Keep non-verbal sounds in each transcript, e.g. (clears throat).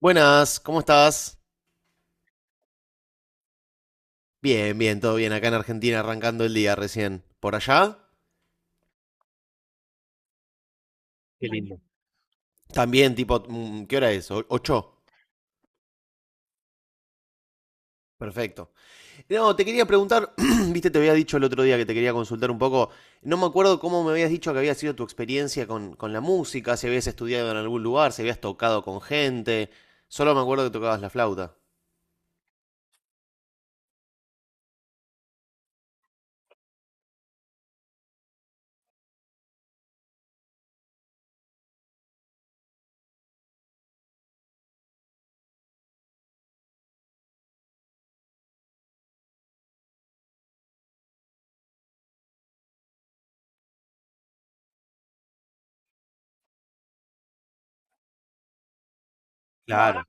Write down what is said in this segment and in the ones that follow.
Buenas, ¿cómo estás? Bien, bien, todo bien. Acá en Argentina arrancando el día recién. ¿Por allá? Qué lindo. También, tipo, ¿qué hora es? ¿Ocho? Perfecto. No, te quería preguntar, (clears throat) viste, te había dicho el otro día que te quería consultar un poco. No me acuerdo cómo me habías dicho que había sido tu experiencia con la música, si habías estudiado en algún lugar, si habías tocado con gente. Solo me acuerdo que tocabas la flauta. Claro.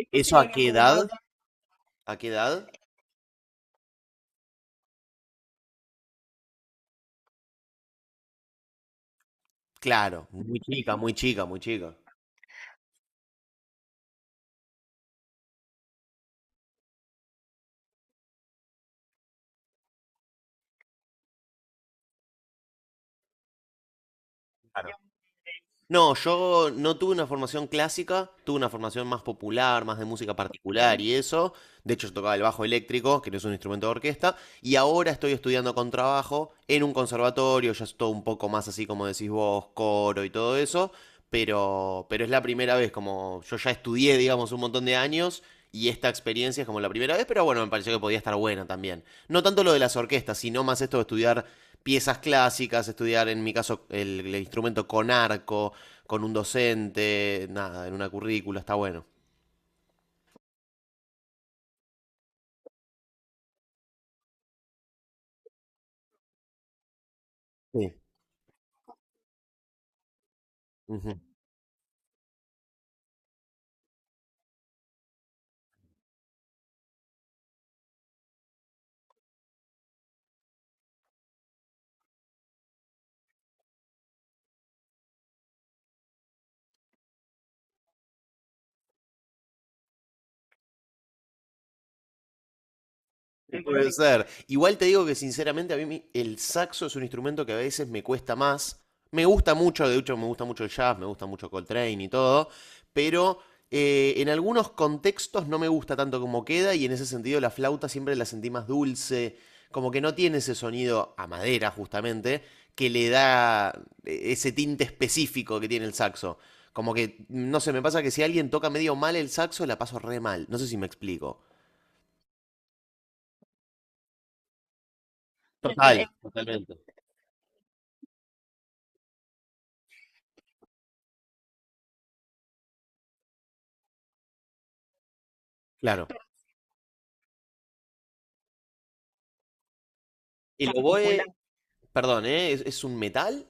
¿Eso a qué edad? ¿A qué edad? Claro, muy chica, muy chica, muy chica. No, yo no tuve una formación clásica, tuve una formación más popular, más de música particular y eso. De hecho, yo tocaba el bajo eléctrico, que no es un instrumento de orquesta, y ahora estoy estudiando contrabajo en un conservatorio, ya es todo un poco más así como decís vos, coro y todo eso, pero es la primera vez, como yo ya estudié, digamos, un montón de años, y esta experiencia es como la primera vez, pero bueno, me pareció que podía estar buena también. No tanto lo de las orquestas, sino más esto de estudiar piezas clásicas, estudiar en mi caso el instrumento con arco, con un docente, nada, en una currícula, está bueno. Sí. Ujú. Puede ser. Igual te digo que sinceramente a mí el saxo es un instrumento que a veces me cuesta más. Me gusta mucho, de hecho me gusta mucho el jazz, me gusta mucho Coltrane y todo, pero en algunos contextos no me gusta tanto como queda y en ese sentido la flauta siempre la sentí más dulce, como que no tiene ese sonido a madera justamente que le da ese tinte específico que tiene el saxo. Como que, no sé, me pasa que si alguien toca medio mal el saxo, la paso re mal. No sé si me explico. Total, totalmente. Claro. El oboe, perdón, ¿eh? ¿Es un metal?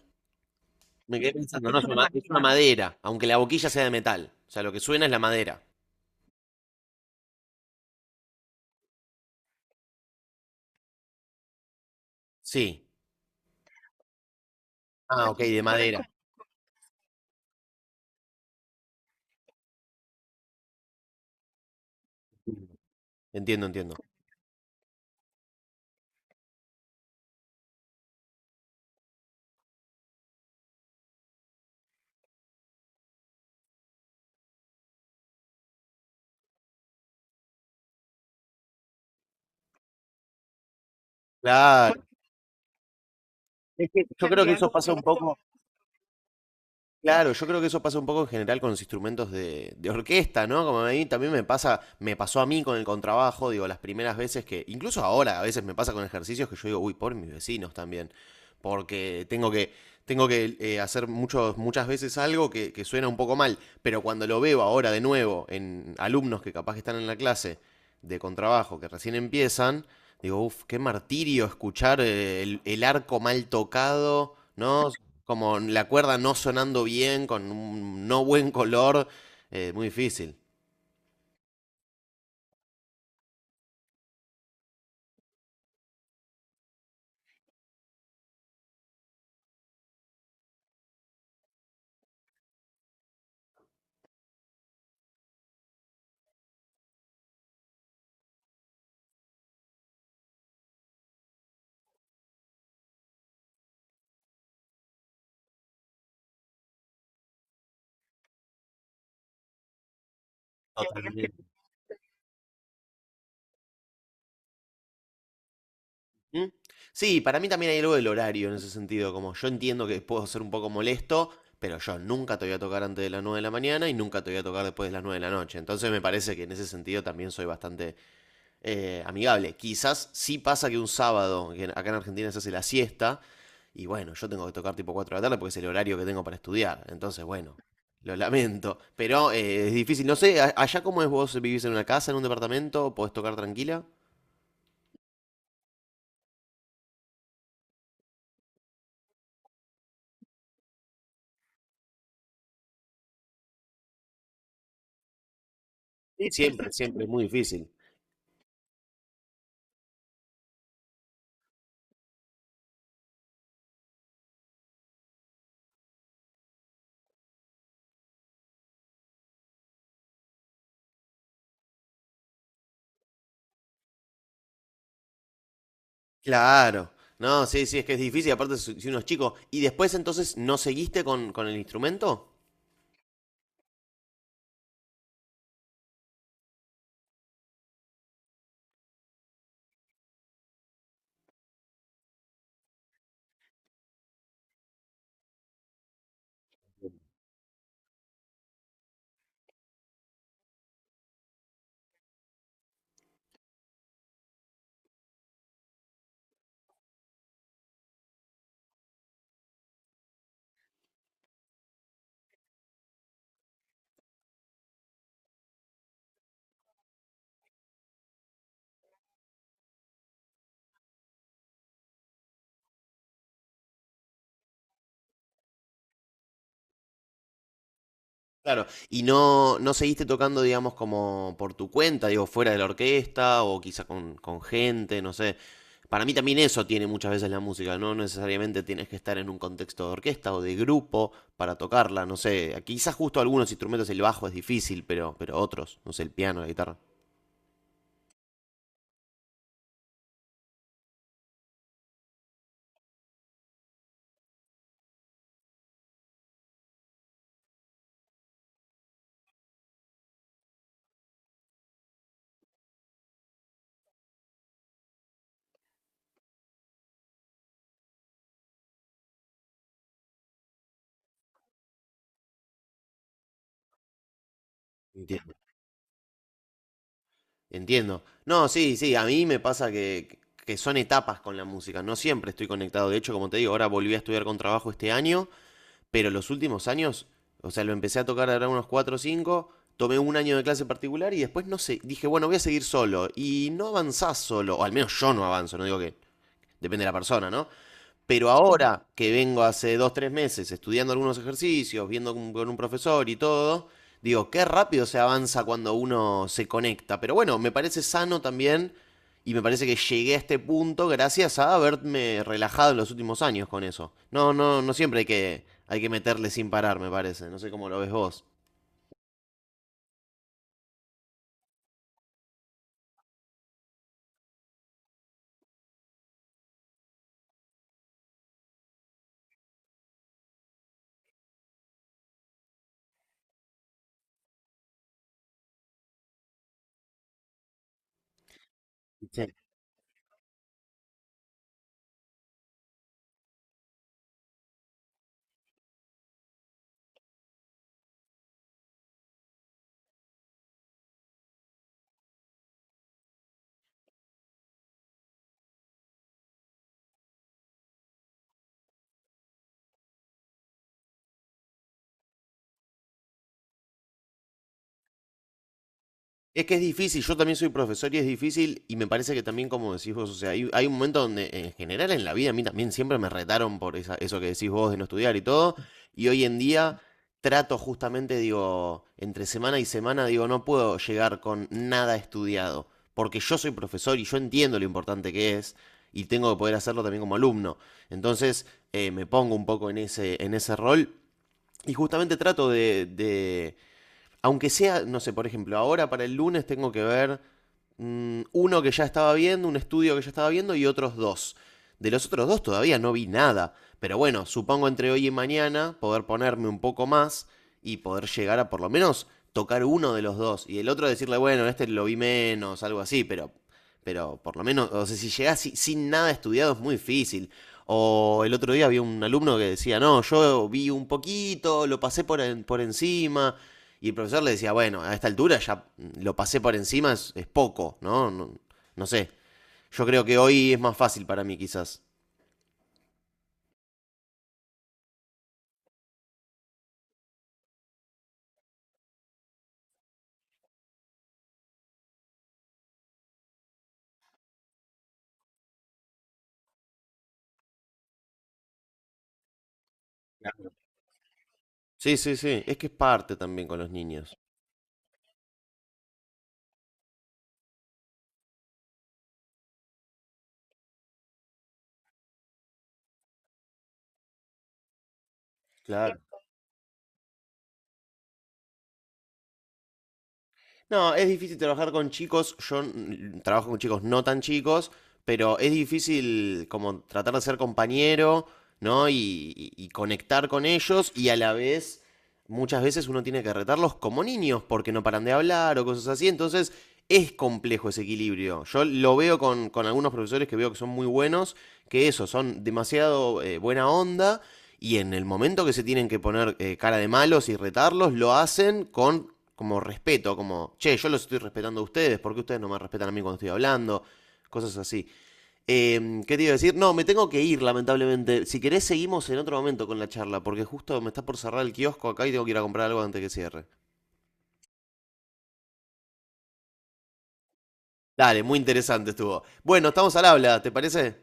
Me quedé pensando, no, es una madera, aunque la boquilla sea de metal. O sea, lo que suena es la madera. Sí. Ah, ok, de madera. Entiendo, entiendo. Claro. Yo creo que eso pasa un poco Claro, yo creo que eso pasa un poco en general con los instrumentos de orquesta, ¿no? Como a mí también me pasa, me pasó a mí con el contrabajo, digo, las primeras veces que, incluso ahora a veces me pasa con ejercicios que yo digo, uy, por mis vecinos también, porque tengo que hacer muchos, muchas veces algo que suena un poco mal, pero cuando lo veo ahora de nuevo en alumnos que capaz que están en la clase de contrabajo, que recién empiezan, digo, uff, qué martirio escuchar el arco mal tocado, ¿no? Como la cuerda no sonando bien, con un no buen color, muy difícil. Totalmente. ¿Mm? Sí, para mí también hay algo del horario en ese sentido, como yo entiendo que puedo ser un poco molesto, pero yo nunca te voy a tocar antes de las 9 de la mañana y nunca te voy a tocar después de las 9 de la noche. Entonces me parece que en ese sentido también soy bastante amigable. Quizás sí pasa que un sábado, que acá en Argentina se hace la siesta, y bueno, yo tengo que tocar tipo 4 de la tarde porque es el horario que tengo para estudiar. Entonces, bueno, lo lamento. Pero es difícil. No sé, allá cómo es, vos vivís en una casa, en un departamento, podés tocar tranquila. Sí, sí, siempre, sí, siempre es muy difícil. Claro. No, sí, sí, es que es difícil. Aparte, si uno es chico. ¿Y después entonces no seguiste con el instrumento? Claro, y no, no seguiste tocando, digamos, como por tu cuenta, digo, fuera de la orquesta o quizá con gente, no sé. Para mí también eso tiene muchas veces la música, no necesariamente tienes que estar en un contexto de orquesta o de grupo para tocarla, no sé. Quizás justo algunos instrumentos, el bajo es difícil, pero otros, no sé, el piano, la guitarra. Entiendo. Entiendo. No, sí, sí, a mí me pasa que son etapas con la música, no siempre estoy conectado. De hecho, como te digo, ahora volví a estudiar con trabajo este año. Pero los últimos años, o sea, lo empecé a tocar ahora unos 4 o 5, tomé un año de clase particular y después no sé, dije, bueno, voy a seguir solo. Y no avanzás solo, o al menos yo no avanzo, no digo que depende de la persona, ¿no? Pero ahora que vengo hace dos, tres meses estudiando algunos ejercicios, viendo con un profesor y todo, digo, qué rápido se avanza cuando uno se conecta. Pero bueno, me parece sano también y me parece que llegué a este punto gracias a haberme relajado en los últimos años con eso. No, no, no siempre hay que meterle sin parar, me parece. No sé cómo lo ves vos. Sí. Es que es difícil, yo también soy profesor y es difícil, y me parece que también, como decís vos, o sea, hay un momento donde en general en la vida a mí también siempre me retaron por eso que decís vos de no estudiar y todo, y hoy en día trato justamente, digo, entre semana y semana, digo, no puedo llegar con nada estudiado, porque yo soy profesor y yo entiendo lo importante que es, y tengo que poder hacerlo también como alumno. Entonces, me pongo un poco en ese rol, y justamente trato aunque sea, no sé, por ejemplo, ahora para el lunes tengo que ver uno que ya estaba viendo, un estudio que ya estaba viendo y otros dos. De los otros dos todavía no vi nada, pero bueno, supongo entre hoy y mañana poder ponerme un poco más y poder llegar a por lo menos tocar uno de los dos y el otro decirle, bueno, este lo vi menos, algo así, pero por lo menos, o sea, si llegás sin nada estudiado es muy difícil. O el otro día había un alumno que decía, no, yo vi un poquito, lo pasé por encima, y el profesor le decía, bueno, a esta altura ya lo pasé por encima, es poco, ¿no? ¿No? No sé. Yo creo que hoy es más fácil para mí, quizás. Claro. Sí, sí, sí. Es que es parte también con los niños. Claro. No, es difícil trabajar con chicos. Yo trabajo con chicos no tan chicos, pero es difícil como tratar de ser compañero, ¿no? Y conectar con ellos y a la vez muchas veces uno tiene que retarlos como niños porque no paran de hablar o cosas así. Entonces es complejo ese equilibrio. Yo lo veo con algunos profesores que veo que son muy buenos, que eso, son demasiado buena onda. Y en el momento que se tienen que poner cara de malos y retarlos, lo hacen con como respeto, como, che, yo los estoy respetando a ustedes, ¿por qué ustedes no me respetan a mí cuando estoy hablando? Cosas así. ¿Qué te iba a decir? No, me tengo que ir, lamentablemente. Si querés, seguimos en otro momento con la charla, porque justo me está por cerrar el kiosco acá y tengo que ir a comprar algo antes que cierre. Dale, muy interesante estuvo. Bueno, estamos al habla, ¿te parece?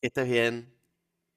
Que estés bien.